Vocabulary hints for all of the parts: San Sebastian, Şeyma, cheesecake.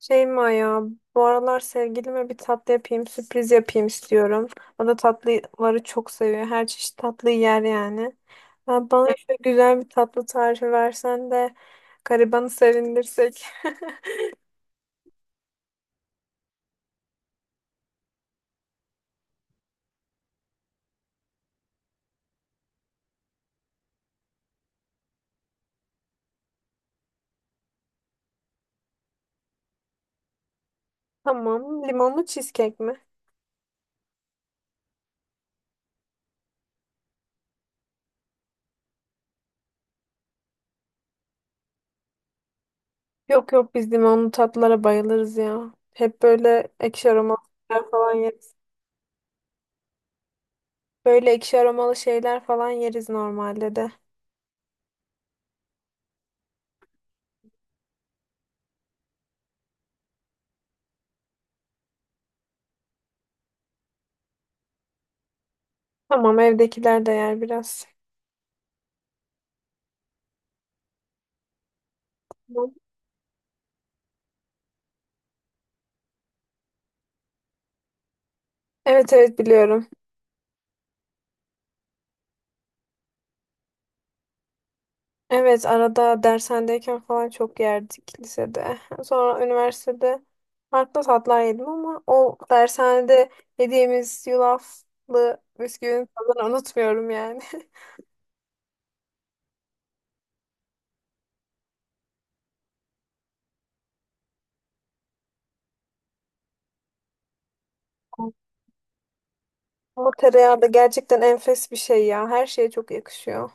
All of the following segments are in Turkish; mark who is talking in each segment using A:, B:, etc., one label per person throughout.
A: Şeyma ya, bu aralar sevgilime bir tatlı yapayım, sürpriz yapayım istiyorum. O da tatlıları çok seviyor. Her çeşit tatlı yer yani. Ha, bana şöyle güzel bir tatlı tarifi versen de garibanı sevindirsek. Tamam, limonlu cheesecake mi? Yok yok, biz limonlu tatlılara bayılırız ya. Hep böyle ekşi aromalı şeyler falan yeriz. Böyle ekşi aromalı şeyler falan yeriz normalde de. Tamam, evdekiler de yer biraz. Tamam. Evet evet, biliyorum. Evet, arada dershanedeyken falan çok yerdik lisede. Sonra üniversitede farklı tatlar yedim ama o dershanede yediğimiz yulaflı bisküvinin tadını unutmuyorum yani. Ama tereyağı da gerçekten enfes bir şey ya. Her şeye çok yakışıyor.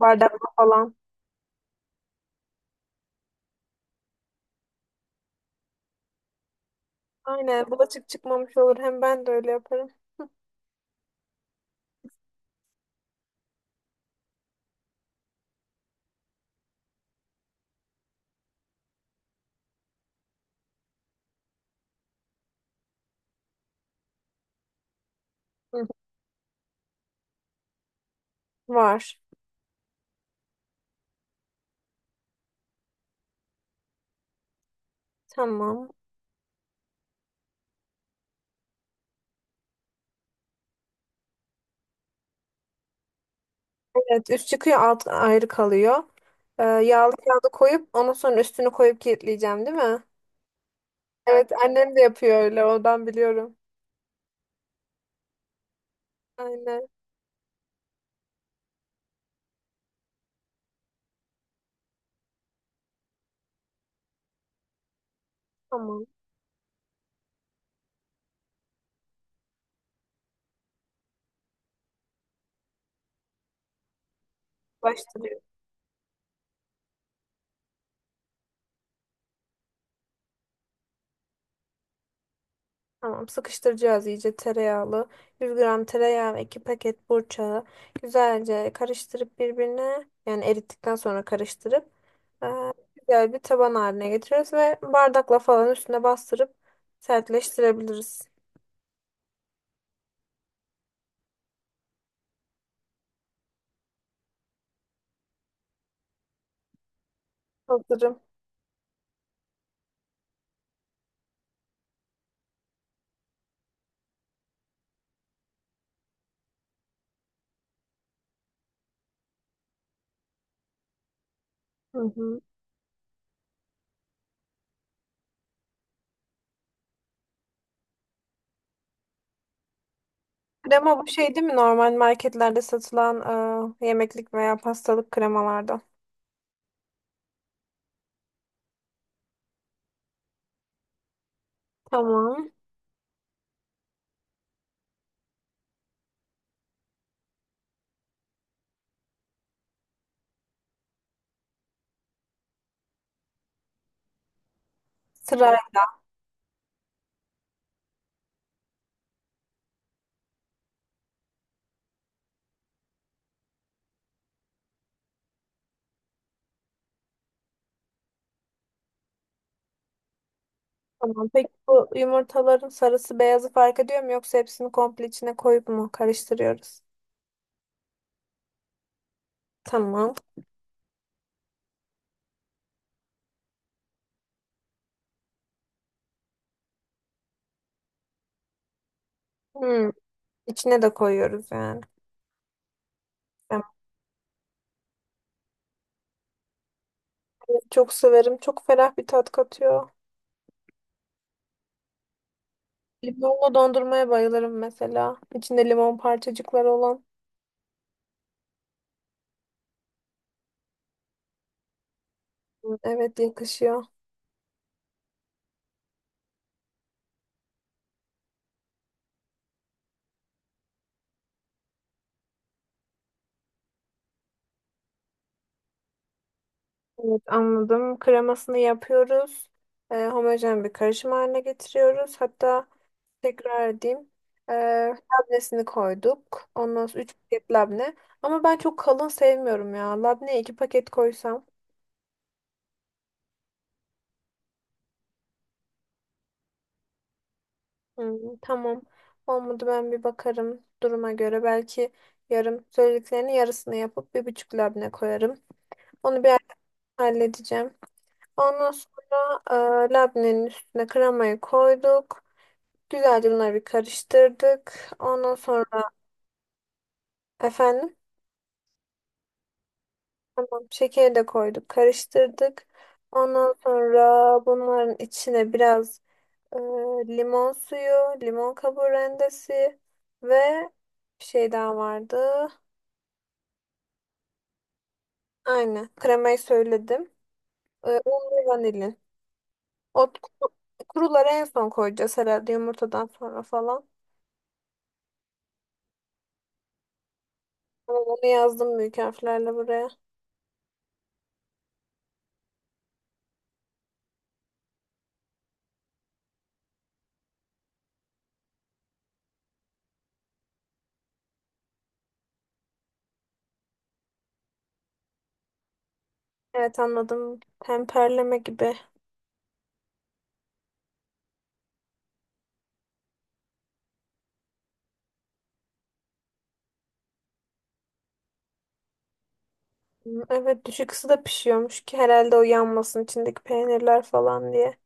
A: Bardakla falan. Aynen, bulaşık çıkmamış olur. Hem ben de öyle yaparım. Hı. Var. Tamam. Evet, üst çıkıyor, alt ayrı kalıyor. Yağlı kağıdı koyup ondan sonra üstünü koyup kilitleyeceğim, değil mi? Evet, annem de yapıyor öyle, ondan biliyorum. Aynen. Tamam. Başlıyor. Tamam, sıkıştıracağız iyice tereyağlı. 100 gram tereyağı ve 2 paket burçağı güzelce karıştırıp birbirine, yani erittikten sonra karıştırıp e, güzel bir taban haline getiriyoruz ve bardakla falan üstüne bastırıp sertleştirebiliriz. Hazırım. Hı hı. Krema bu şey değil mi? Normal marketlerde satılan yemeklik veya pastalık kremalardan. Tamam. Sıra. Tamam. Peki bu yumurtaların sarısı beyazı fark ediyor mu, yoksa hepsini komple içine koyup mu karıştırıyoruz? Tamam. Hmm. İçine de koyuyoruz yani. Ben çok severim. Çok ferah bir tat katıyor. Limonlu dondurmaya bayılırım mesela. İçinde limon parçacıkları olan. Hmm, evet, yakışıyor. Evet, anladım. Kremasını yapıyoruz. Homojen bir karışım haline getiriyoruz. Hatta tekrar edeyim. Ee, labnesini koyduk. Ondan sonra 3 paket labne. Ama ben çok kalın sevmiyorum ya. Labneye 2 paket koysam. Hmm, tamam. Olmadı, ben bir bakarım duruma göre. Belki söylediklerinin yarısını yapıp bir buçuk labne koyarım. Onu bir ara halledeceğim. Ondan sonra labnenin üstüne kremayı koyduk. Güzelce bunları bir karıştırdık. Ondan sonra efendim. Tamam, şekeri de koyduk, karıştırdık. Ondan sonra bunların içine biraz e, limon suyu, limon kabuğu rendesi ve bir şey daha vardı. Aynen, kremayı söyledim. E, un ve vanilin. O kuru- Kuruları en son koyacağız herhalde, yumurtadan sonra falan. Ama onu yazdım büyük harflerle buraya. Evet, anladım. Temperleme gibi. Hı, evet, düşük ısıda pişiyormuş ki herhalde, o yanmasın içindeki peynirler falan diye.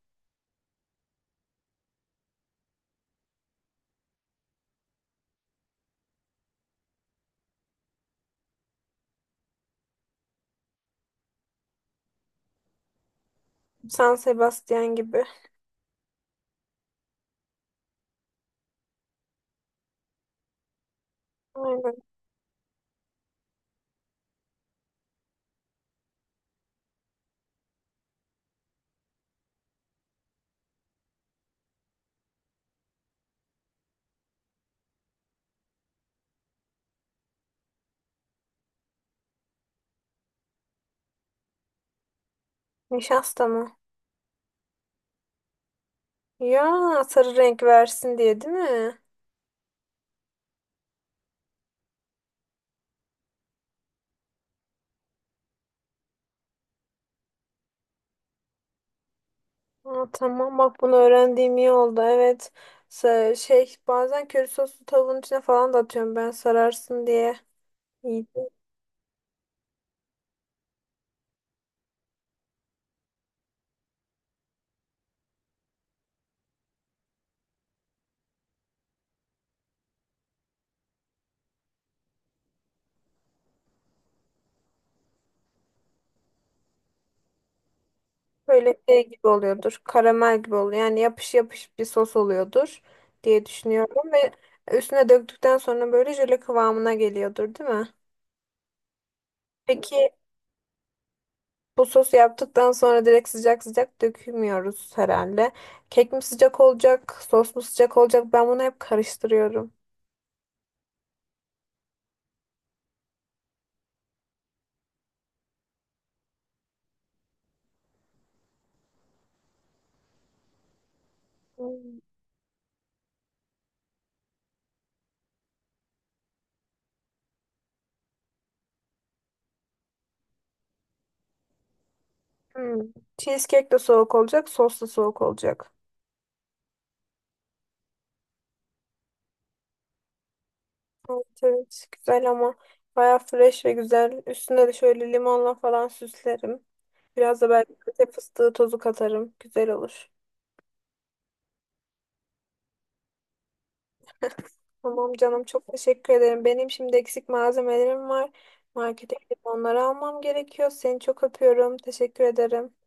A: San Sebastian gibi. Aynen. Nişasta mı? Ya, sarı renk versin diye, değil mi? Aa, tamam, bak bunu öğrendiğim iyi oldu. Evet. Şey, bazen köri soslu tavuğun içine falan da atıyorum ben, sararsın diye. İyi. Böyle şey gibi oluyordur. Karamel gibi oluyor. Yani yapış yapış bir sos oluyordur diye düşünüyorum ve üstüne döktükten sonra böyle jöle kıvamına geliyordur, değil mi? Peki, bu sosu yaptıktan sonra direkt sıcak sıcak dökmüyoruz herhalde. Kek mi sıcak olacak, sos mu sıcak olacak? Ben bunu hep karıştırıyorum. Hmm. Hmm. Cheesecake de soğuk olacak, sos da soğuk olacak. Evet, evet. Güzel ama bayağı fresh ve güzel. Üstüne de şöyle limonla falan süslerim. Biraz da belki köte fıstığı tozu katarım. Güzel olur. Tamam canım, çok teşekkür ederim. Benim şimdi eksik malzemelerim var. Markete gidip onları almam gerekiyor. Seni çok öpüyorum. Teşekkür ederim.